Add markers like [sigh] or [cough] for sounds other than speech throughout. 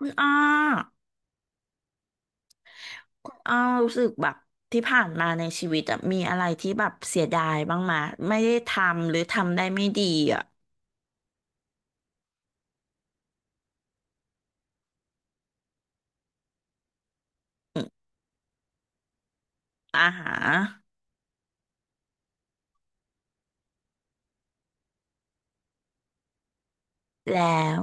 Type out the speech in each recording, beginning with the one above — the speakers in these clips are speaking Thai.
อ้ออ้อรู้สึกแบบที่ผ่านมาในชีวิตอะมีอะไรที่แบบเสียดายบ้างมาไม่ได้ทำหรือทำได้ไม่ดีอะอมอ่าฮะแล้ว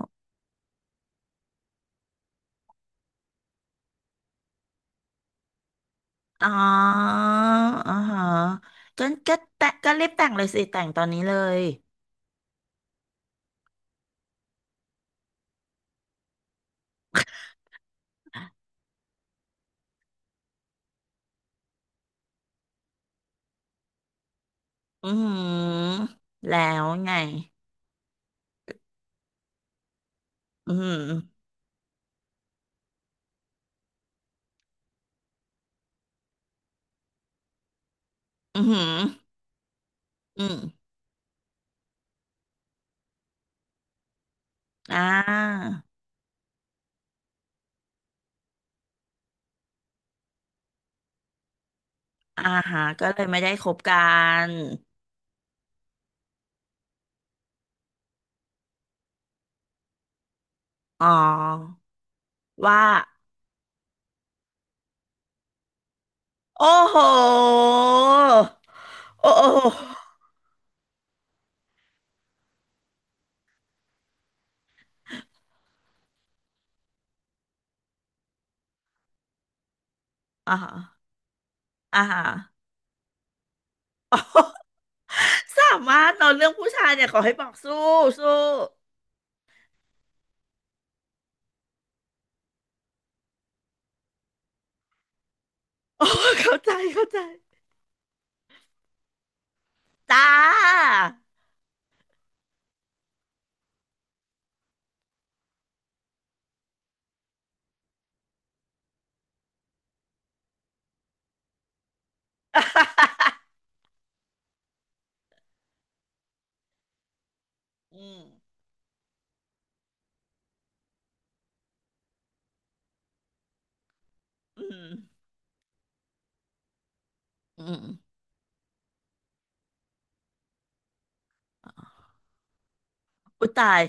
อ๋ออ่าฮะก็แต่ก็รีบแต่งเลยสิแต่งตอนนี้เลยอือหือแล้วไงอือหืออือหืออืมอ่าอ่าฮะก็เลยไม่ได้คบกันอ๋อว่า โอ้โหโอ้โห อ่าฮะอ่าฮะสามารถนอนเรื่องผู้ชายเนี่ยขอให้บอกสู้สู้ [laughs] โอ้เข้าใจเข้าใจจ้า [laughs] อืมอืมอืมอุยตาย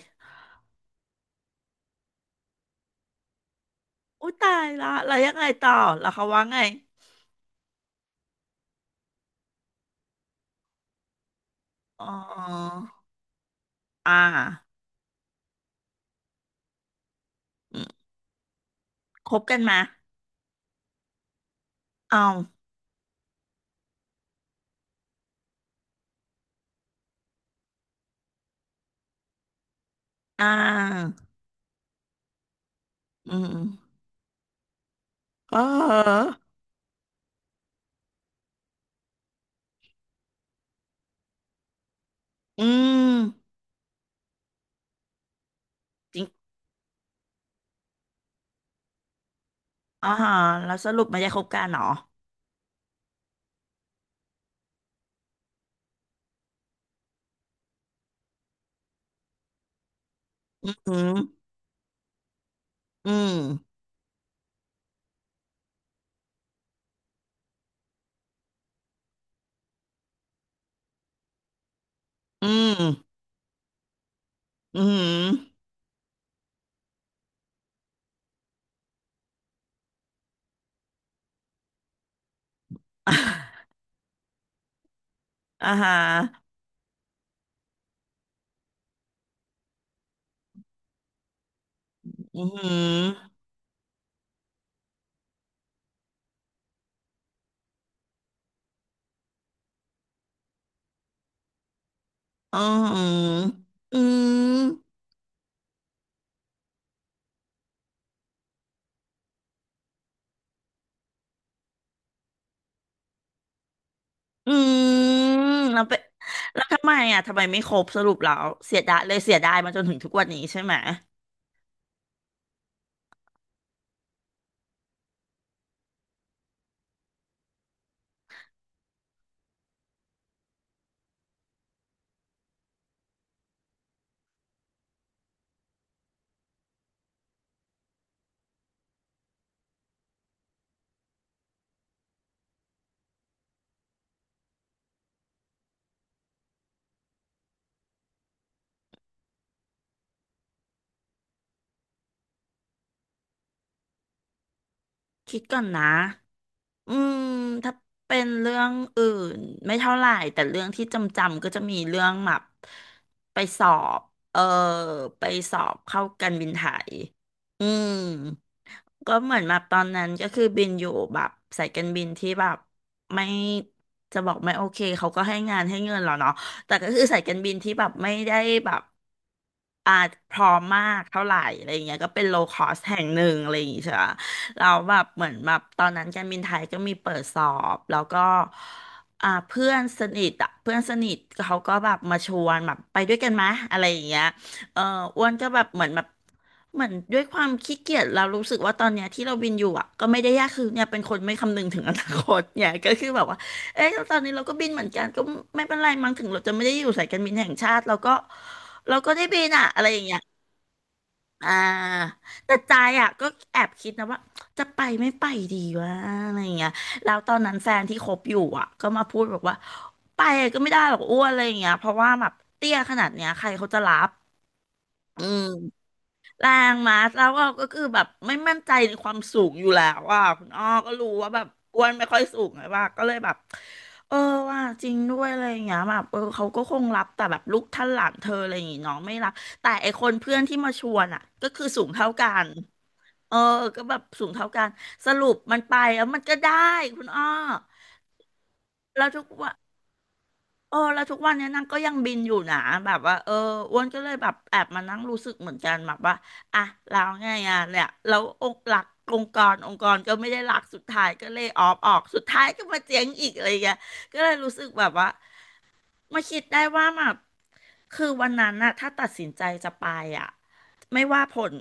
อุยตายละแล้วยังไงต่อแล้วเขาว่าไงอ๋ออ่าอืมคบกันมาเอาอ่าอืมอ๋อออืมจริงอ่าฮะแล้วสรุปไม่ได้คบกันเหรออืมอืมอืมอืม [laughs] อ่าฮะอือหืออือหืออืมอืมแล้วไปแล้วทำไมอ่ะทำไมไม่ครบสรุปแล้วเสียดายเลยเสียดายมาจนถึงทุกวันนี้ใช่ไหมคิดก่อนนะอืมถ้าเป็นเรื่องอื่นไม่เท่าไหร่แต่เรื่องที่จำก็จะมีเรื่องแบบไปสอบเออไปสอบเข้ากันบินไทยอืม ก็เหมือนแบบตอนนั้นก็คือบินอยู่แบบสายการบินที่แบบไม่จะบอกไม่โอเคเขาก็ให้งานให้เงินเราเนาะแต่ก็คือสายการบินที่แบบไม่ได้แบบอาจพร้อมมากเท่าไหร่อะไรอย่างเงี้ยก็เป็นโลคอสแห่งหนึ่งอะไรอย่างงี้ใช่ปะเราแล้วแบบเหมือนแบบตอนนั้นการบินไทยก็มีเปิดสอบแล้วก็เพื่อนสนิทอ่ะเพื่อนสนิทเขาก็แบบมาชวนแบบไปด้วยกันไหมอะไรอย่างเงี้ยเอออ้วนก็แบบเหมือนแบบ เหมือนด้วยความขี้เกียจเรารู้สึกว่าตอนเนี้ยที่เราบินอยู่อ่ะก็ไม่ได้ยากคือเนี่ยเป็นคนไม่คำนึงถึงอนาคต [laughs] เนี่ยก็คือแบบว่าเอ้ยตอนนี้เราก็บินเหมือนกันก็ไม่เป็นไรมั้งถึงเราจะไม่ได้อยู่สายการบินแห่งชาติเราก็ได้บินอ่ะอะไรอย่างเงี้ยอ่าแต่ใจอ่ะก็แอบคิดนะว่าจะไปไม่ไปดีวะอะไรอย่างเงี้ยแล้วตอนนั้นแฟนที่คบอยู่อ่ะก็มาพูดบอกว่าไปก็ไม่ได้หรอกอ้วนอะไรอย่างเงี้ยเพราะว่าแบบเตี้ยขนาดเนี้ยใครเขาจะรับอืม แรงมาแล้วเราก็คือแบบไม่มั่นใจในความสูงอยู่แล้วอ่ะคุณอ้อก็รู้ว่าแบบอ้วนไม่ค่อยสูงไงว่าก็เลยแบบเออว่าจริงด้วยอะไรอย่างเงี้ยแบบเออเขาก็คงรับแต่แบบลูกท่านหลานเธออะไรอย่างงี้เน้องไม่รับแต่ไอคนเพื่อนที่มาชวนอ่ะก็คือสูงเท่ากันเออก็แบบสูงเท่ากันสรุปมันไปแล้วมันก็ได้คุณอ้อแล้วทุกวัน เออแล้วทุกวันเนี้ยนางก็ยังบินอยู่นะแบบว่าเอออ้วนก็เลยแบบแอบมานั่งรู้สึกเหมือนกันแบบว่าอ่ะแล้วไงอ่ะเนี่ยแล้วองค์หลักองค์กรก็ไม่ได้หลักสุดท้ายก็เลยออฟออกสุดท้ายก็มาเจ๊งอีกอะไรอย่างเงี้ยก็เลยรู้สึกแบบว่ามาคิดได้ว่าแบบคือวันนั้นน่ะถ้าตัดสินใจจะไปอ่ะไม่ว่าผล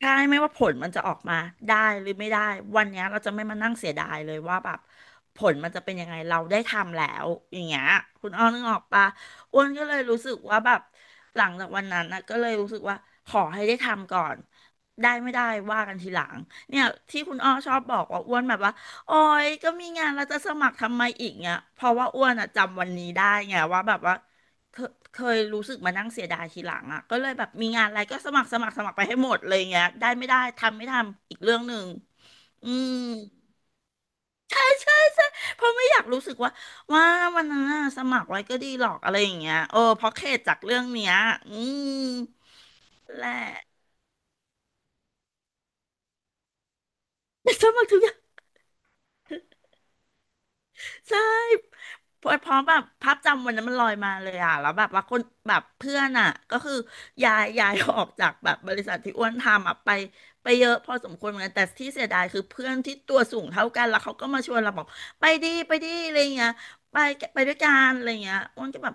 ใช่ไม่ว่าผลมันจะออกมาได้หรือไม่ได้วันเนี้ยเราจะไม่มานั่งเสียดายเลยว่าแบบผลมันจะเป็นยังไงเราได้ทำแล้วอย่างเงี้ยคุณอ้อนึกออกปะอ้วนก็เลยรู้สึกว่าแบบหลังจากวันนั้นนะก็เลยรู้สึกว่าขอให้ได้ทำก่อนได้ไม่ได้ว่ากันทีหลังเนี่ยที่คุณอ้อชอบบอกว่าอ้วนแบบว่าโอ้ยก็มีงานเราจะสมัครทำไมอีกเนี่ยเพราะว่าอ้วนอะจำวันนี้ได้ไงว่าแบบว่า เคยรู้สึกมานั่งเสียดายทีหลังอ่ะก็เลยแบบมีงานอะไรก็สมัครไปให้หมดเลยอย่างเงี้ยได้ไม่ได้ทำไม่ทำอีกเรื่องหนึ่งอืมเพราะไม่อยากรู้สึกว่าว่าวันนั้นน่ะสมัครไว้ก็ดีหรอกอะไรอย่างเงี้ยเออเพราะเข็ดจากเรื่องเนี้ยอืมแหละ [laughs] สมัครทุกอย่างใช่ เพราะแบบภาพจำวันนั้นมันลอยมาเลยอ่ะแล้วแบบว่าคนแบบเพื่อนอ่ะก็คือย้ายออกจากแบบบริษัทที่อ้วนทำอ่ะไปเยอะพอสมควรเหมือนกันแต่ที่เสียดายคือเพื่อนที่ตัวสูงเท่ากันแล้วเขาก็มาชวนเราบอกไปดิไปดิอะไรเงี้ยไปไปด้วยกันอะไรเงี้ยอ้วนก็แบบ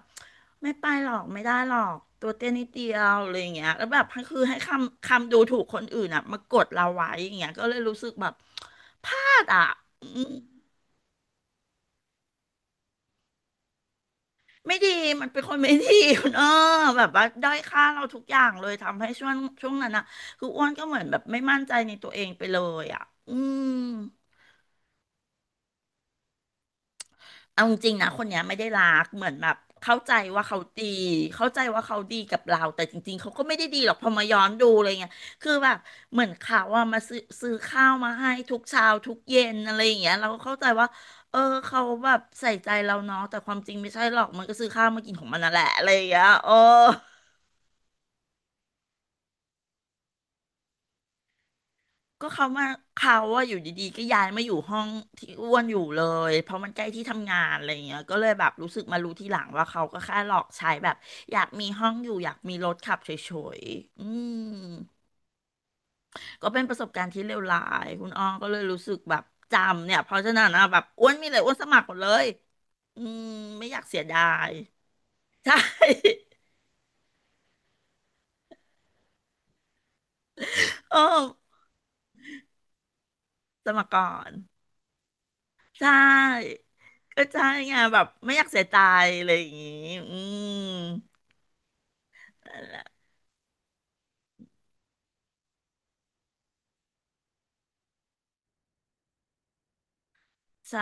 ไม่ไปหรอกไม่ได้หรอกตัวเตี้ยนิดเดียวอะไรเงี้ยแล้วแบบคือให้คำดูถูกคนอื่นอ่ะมากดเราไว้อย่างเงี้ยก็เลยรู้สึกแบบพลาดอ่ะ ไม่ดีมันเป็นคนไม่ดี [laughs] คุณเออแบบว่าด้อยค่าเราทุกอย่างเลยทำให้ช่วงนั้นนะคืออ้วนก็เหมือนแบบไม่มั่นใจในตัวเองไปเลยอ่ะอืมเอาจริงๆนะคนเนี้ยไม่ได้รักเหมือนแบบเข้าใจว่าเขาดีเข้าใจว่าเขาดีกับเราแต่จริงๆเขาก็ไม่ได้ดีหรอกพอมาย้อนดูอะไรเงี้ยคือแบบเหมือนเขาว่ามาซื้อข้าวมาให้ทุกเช้าทุกเย็นอะไรอย่างเงี้ยเราก็เข้าใจว่าเออเขาแบบใส่ใจเราเนาะแต่ความจริงไม่ใช่หรอกมันก็ซื้อข้าวมากินของมันนั่นแหละอะไรอย่างเงี้ยเออ ก็เขามาเขาว่าอยู่ดีๆก็ย้ายมาอยู่ห้องที่อ้วนอยู่เลยเพราะมันใกล้ที่ทำงานอะไรอย่างเงี้ยก็เลยแบบรู้สึกมารู้ทีหลังว่าเขาก็แค่หลอกใช้แบบอยากมีห้องอยู่อยากมีรถขับเฉยๆอืมก็เป็นประสบการณ์ที่เลวร้ายคุณอ้อก็เลยรู้สึกแบบจำเนี่ยเพราะฉะนั้นนะแบบอ้วนมีอะไรอ้วนสมัครหมดเลยอืมไม่อยากเสียดายใช่ [laughs] เออสมัครก่อนใช่ก็ใช่ไงแบบไม่อยากเสียใจอะไรอย่างงี้อืม นั่นแหละใช่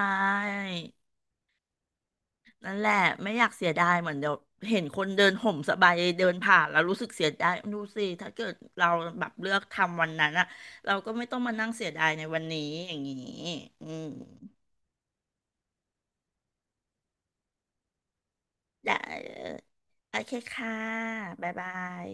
นั่นแหละไม่อยากเสียดายเหมือนเดี๋ยวเห็นคนเดินห่มสบายเดินผ่านแล้วรู้สึกเสียดายดูสิถ้าเกิดเราแบบเลือกทำวันนั้นอะเราก็ไม่ต้องมานั่งเสียดายในวันนี้อย่างนี้อืมได้เลยโอเคค่ะบ๊ายบาย